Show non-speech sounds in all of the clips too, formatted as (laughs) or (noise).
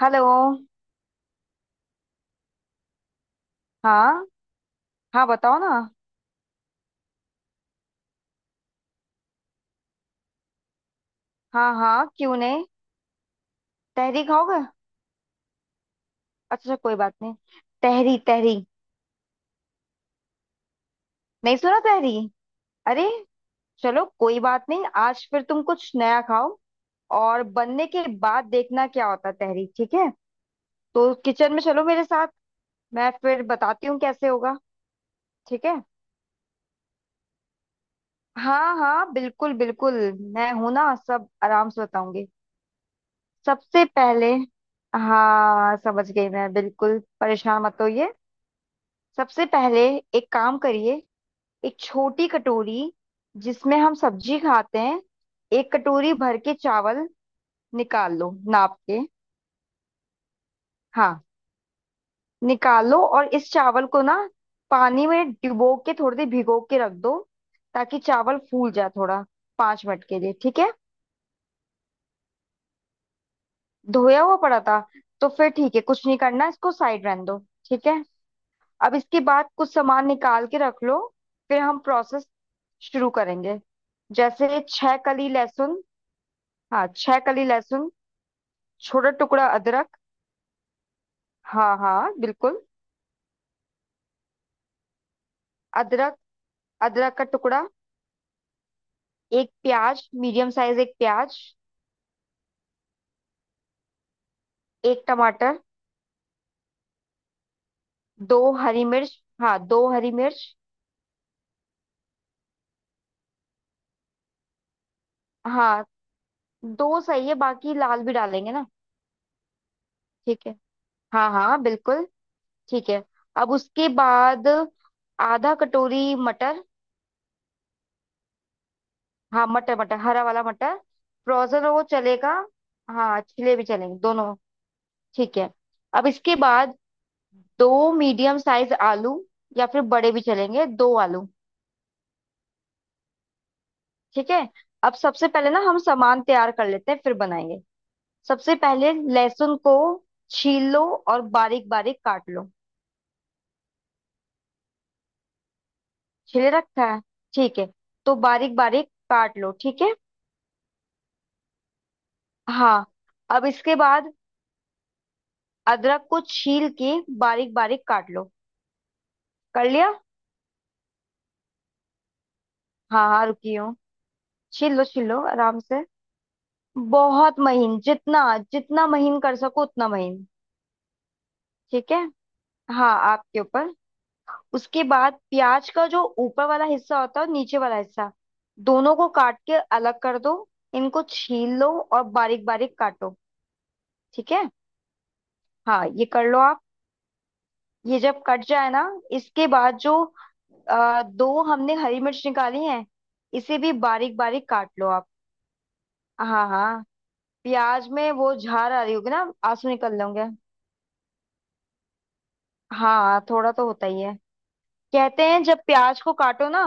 Hello. हाँ। हाँ बताओ ना। हाँ हाँ क्यों नहीं। तहरी खाओगे? अच्छा। अच्छा कोई बात नहीं। तहरी तहरी। नहीं सुना तहरी? अरे चलो कोई बात नहीं, आज फिर तुम कुछ नया खाओ। और बनने के बाद देखना क्या होता है तहरी, ठीक है? तो किचन में चलो मेरे साथ। मैं फिर बताती हूँ कैसे होगा। ठीक है। हाँ हाँ, बिल्कुल बिल्कुल। मैं हूं ना, सब आराम से बताऊंगी। सबसे पहले, हाँ समझ गई मैं, बिल्कुल परेशान मत होइए। सबसे पहले एक काम करिए। एक छोटी कटोरी जिसमें हम सब्जी खाते हैं, एक कटोरी भर के चावल निकाल लो नाप के। हाँ निकाल लो, और इस चावल को ना पानी में डुबो के थोड़ी देर भिगो के रख दो, ताकि चावल फूल जाए थोड़ा। 5 मिनट के लिए, ठीक है। धोया हुआ पड़ा था? तो फिर ठीक है कुछ नहीं करना, इसको साइड रहने दो। ठीक है। अब इसके बाद कुछ सामान निकाल के रख लो, फिर हम प्रोसेस शुरू करेंगे। जैसे छह कली लहसुन। हाँ छह कली लहसुन। छोटा टुकड़ा अदरक। हाँ हाँ बिल्कुल। अदरक, अदरक का टुकड़ा। एक प्याज मीडियम साइज, एक प्याज। एक टमाटर। दो हरी मिर्च, हाँ दो हरी मिर्च। हाँ दो सही है, बाकी लाल भी डालेंगे ना। ठीक है। हाँ हाँ बिल्कुल। ठीक है। अब उसके बाद आधा कटोरी मटर। हाँ मटर मटर, हरा वाला मटर। फ्रोजन हो वो चलेगा। हाँ छिले भी चलेंगे दोनों। ठीक है। अब इसके बाद दो मीडियम साइज आलू, या फिर बड़े भी चलेंगे, दो आलू। ठीक है। अब सबसे पहले ना हम सामान तैयार कर लेते हैं, फिर बनाएंगे। सबसे पहले लहसुन को छील लो और बारीक बारीक काट लो। छिले रखा है? ठीक है तो बारीक बारीक काट लो, ठीक है। हाँ। अब इसके बाद अदरक को छील के बारीक बारीक काट लो। कर लिया? हाँ हाँ रुकी हूँ। छील लो आराम से। बहुत महीन, जितना जितना महीन कर सको उतना महीन। ठीक है। हाँ आपके ऊपर। उसके बाद प्याज का जो ऊपर वाला हिस्सा होता है और नीचे वाला हिस्सा, दोनों को काट के अलग कर दो। इनको छील लो और बारीक बारीक काटो। ठीक है। हाँ ये कर लो आप। ये जब कट जाए ना, इसके बाद जो दो हमने हरी मिर्च निकाली है, इसे भी बारीक बारीक काट लो आप। हाँ हाँ। प्याज में वो झार आ रही होगी ना, आंसू निकल लेंगे। हाँ थोड़ा तो होता ही है। कहते हैं जब प्याज को काटो ना,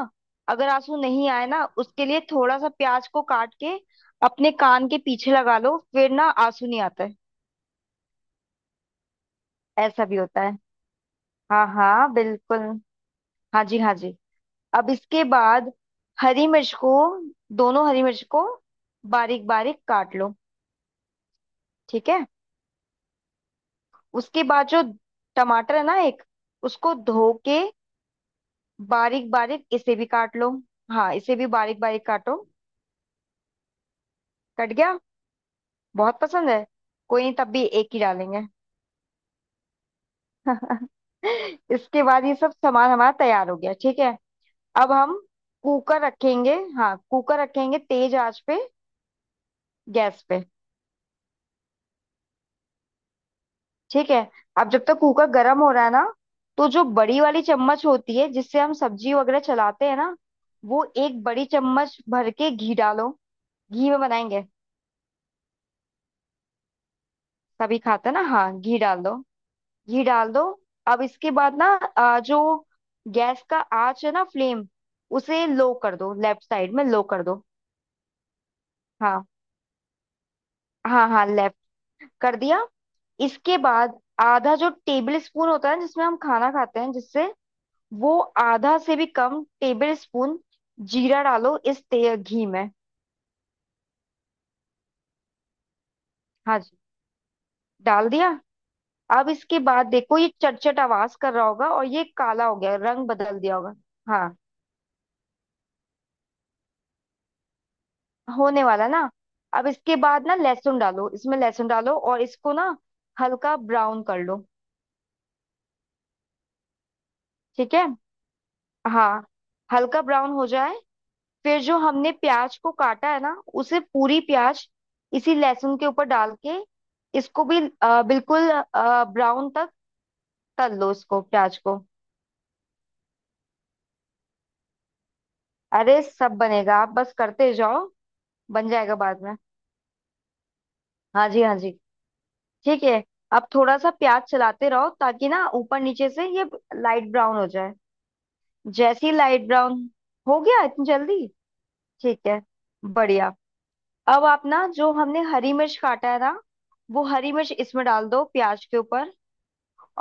अगर आंसू नहीं आए ना, उसके लिए थोड़ा सा प्याज को काट के अपने कान के पीछे लगा लो, फिर ना आंसू नहीं आता है। ऐसा भी होता है। हाँ हाँ बिल्कुल। हाँ जी हाँ जी। अब इसके बाद हरी मिर्च को, दोनों हरी मिर्च को बारीक बारीक काट लो। ठीक है। उसके बाद जो टमाटर है ना एक, उसको धो के बारीक बारीक इसे भी काट लो। हाँ इसे भी बारीक बारीक काटो। कट गया? बहुत पसंद है। कोई नहीं तब भी एक ही डालेंगे। (laughs) इसके बाद ये सब सामान हमारा तैयार हो गया, ठीक है। अब हम कुकर रखेंगे, हाँ कुकर रखेंगे तेज आंच पे, गैस पे। ठीक है। अब जब तक कुकर गर्म हो रहा है ना, तो जो बड़ी वाली चम्मच होती है जिससे हम सब्जी वगैरह चलाते हैं ना, वो एक बड़ी चम्मच भर के घी डालो, घी में बनाएंगे। सभी खाते हैं ना, हाँ घी डाल दो, घी डाल दो। अब इसके बाद ना जो गैस का आंच है ना फ्लेम, उसे लो कर दो, लेफ्ट साइड में लो कर दो। हाँ हाँ हाँ लेफ्ट, कर दिया। इसके बाद आधा जो टेबल स्पून होता है जिसमें हम खाना खाते हैं जिससे, वो आधा से भी कम टेबल स्पून जीरा डालो इस ते घी में। हाँ जी डाल दिया। अब इसके बाद देखो ये चटचट आवाज कर रहा होगा और ये काला हो गया, रंग बदल दिया होगा। हाँ होने वाला है ना। अब इसके बाद ना लहसुन डालो, इसमें लहसुन डालो और इसको ना हल्का ब्राउन कर लो। ठीक है। हाँ हल्का ब्राउन हो जाए, फिर जो हमने प्याज को काटा है ना, उसे पूरी प्याज इसी लहसुन के ऊपर डाल के, इसको भी बिल्कुल ब्राउन तक तल लो इसको, प्याज को। अरे सब बनेगा आप बस करते जाओ, बन जाएगा बाद में। हाँ जी हाँ जी। ठीक है। अब थोड़ा सा प्याज चलाते रहो ताकि ना ऊपर नीचे से ये लाइट ब्राउन हो जाए। जैसी लाइट ब्राउन, हो गया इतनी जल्दी? ठीक है, बढ़िया। अब आप ना जो हमने हरी मिर्च काटा है ना, वो हरी मिर्च इसमें डाल दो प्याज के ऊपर,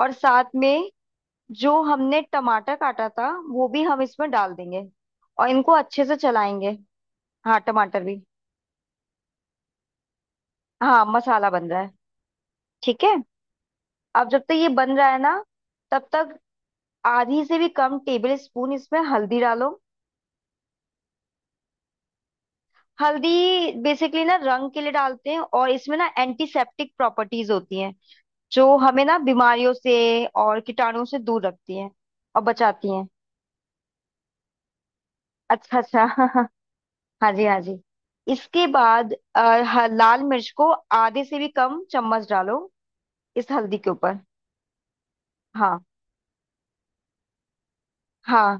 और साथ में जो हमने टमाटर काटा था वो भी हम इसमें डाल देंगे, और इनको अच्छे से चलाएंगे। हाँ टमाटर भी। हाँ मसाला बन रहा है। ठीक है। अब जब तक ये बन रहा है ना, तब तक आधी से भी कम टेबल स्पून इसमें हल्दी डालो। हल्दी बेसिकली ना रंग के लिए डालते हैं, और इसमें ना एंटीसेप्टिक प्रॉपर्टीज होती हैं, जो हमें ना बीमारियों से और कीटाणुओं से दूर रखती हैं और बचाती हैं। अच्छा अच्छा। (laughs) हाँ जी हाँ जी। इसके बाद लाल मिर्च को आधे से भी कम चम्मच डालो, इस हल्दी के ऊपर। हाँ हाँ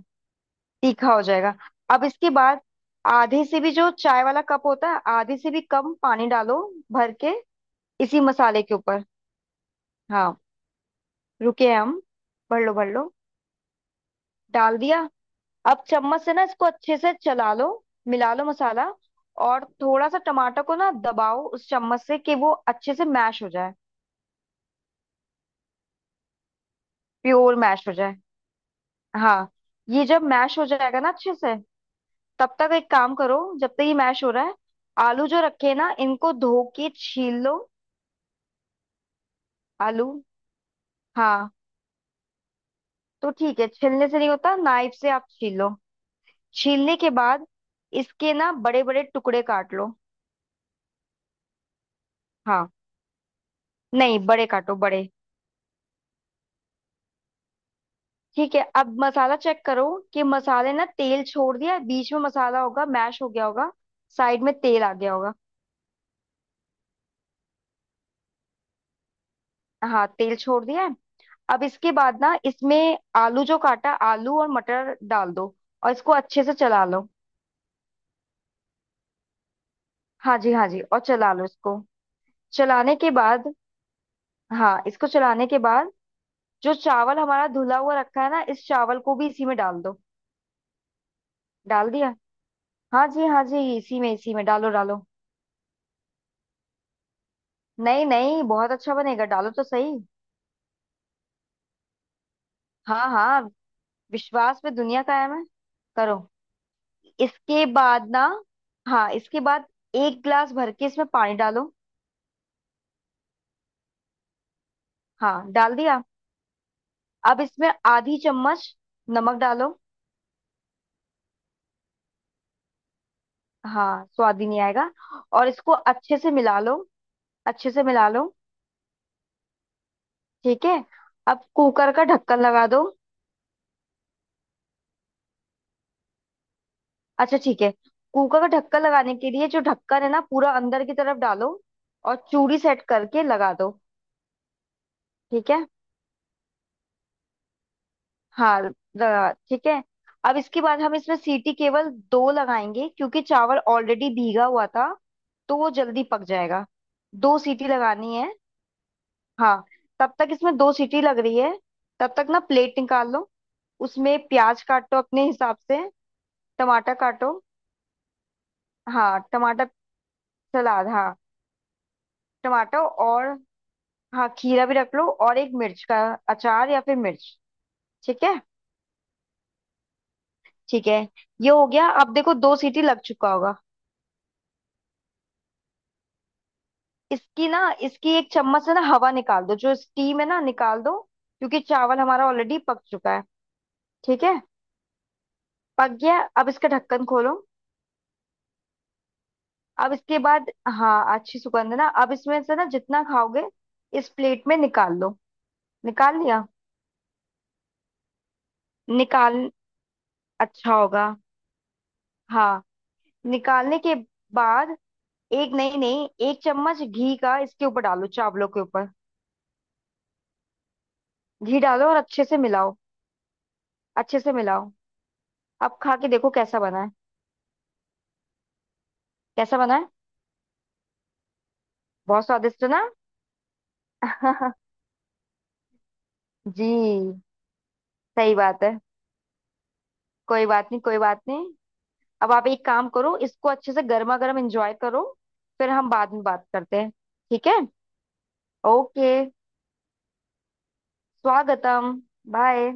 तीखा हो जाएगा। अब इसके बाद आधे से भी जो चाय वाला कप होता है, आधे से भी कम पानी डालो भर के, इसी मसाले के ऊपर। हाँ रुके हैं हम। भर लो भर लो। डाल दिया। अब चम्मच से ना इसको अच्छे से चला लो, मिला लो मसाला, और थोड़ा सा टमाटर को ना दबाओ उस चम्मच से, कि वो अच्छे से मैश हो जाए। प्योर मैश हो जाए। हाँ ये जब मैश हो जाएगा ना अच्छे से, तब तक एक काम करो, जब तक ये मैश हो रहा है, आलू जो रखे हैं ना इनको धो के छील लो। आलू? हाँ। तो ठीक है, छिलने से नहीं होता नाइफ से आप छील लो। छीलने के बाद इसके ना बड़े बड़े टुकड़े काट लो। हाँ नहीं, बड़े काटो बड़े। ठीक है। अब मसाला चेक करो, कि मसाले ना तेल छोड़ दिया है, बीच में मसाला होगा मैश हो गया होगा, साइड में तेल आ गया होगा। हाँ तेल छोड़ दिया है। अब इसके बाद ना इसमें आलू जो काटा, आलू और मटर डाल दो, और इसको अच्छे से चला लो। हाँ जी हाँ जी, और चला लो इसको। चलाने के बाद, हाँ इसको चलाने के बाद, जो चावल हमारा धुला हुआ रखा है ना इस चावल को भी इसी में डाल दो। डाल दिया। हाँ जी हाँ जी, इसी में डालो डालो। नहीं नहीं बहुत अच्छा बनेगा, डालो तो सही। हाँ हाँ विश्वास पे दुनिया कायम है, करो। इसके बाद ना, हाँ इसके बाद एक गिलास भर के इसमें पानी डालो। हाँ डाल दिया। अब इसमें आधी चम्मच नमक डालो। हाँ स्वाद ही नहीं आएगा। और इसको अच्छे से मिला लो, अच्छे से मिला लो। ठीक है। अब कुकर का ढक्कन लगा दो। अच्छा ठीक है, कुकर का ढक्कन लगाने के लिए जो ढक्कन है ना पूरा अंदर की तरफ डालो, और चूड़ी सेट करके लगा दो। ठीक है। हाँ लगा, ठीक है। अब इसके बाद हम इसमें सीटी केवल दो लगाएंगे, क्योंकि चावल ऑलरेडी भीगा हुआ था, तो वो जल्दी पक जाएगा। दो सीटी लगानी है। हाँ तब तक इसमें दो सीटी लग रही है, तब तक ना प्लेट निकाल लो, उसमें प्याज काटो अपने हिसाब से, टमाटर काटो। हाँ टमाटर, सलाद हाँ। टमाटर और, हाँ खीरा भी रख लो, और एक मिर्च का अचार या फिर मिर्च। ठीक है, ठीक है। ये हो गया अब देखो, दो सीटी लग चुका होगा। इसकी ना, इसकी एक चम्मच से ना हवा निकाल दो, जो स्टीम है ना निकाल दो, क्योंकि चावल हमारा ऑलरेडी पक चुका है। ठीक है, पक गया। अब इसका ढक्कन खोलो। अब इसके बाद, हाँ अच्छी सुगंध है ना। अब इसमें से ना जितना खाओगे इस प्लेट में निकाल लो। निकाल लिया, निकाल अच्छा होगा। हाँ निकालने के बाद एक नहीं नहीं एक चम्मच घी का इसके ऊपर डालो, चावलों के ऊपर। घी डालो और अच्छे से मिलाओ, अच्छे से मिलाओ। अब खा के देखो कैसा बना है, कैसा बना है। बहुत स्वादिष्ट है ना। (laughs) जी सही बात है। कोई बात नहीं कोई बात नहीं। अब आप एक काम करो, इसको अच्छे से गर्मा गर्म एंजॉय करो, फिर हम बाद में बात करते हैं। ठीक है। ओके। स्वागतम। बाय।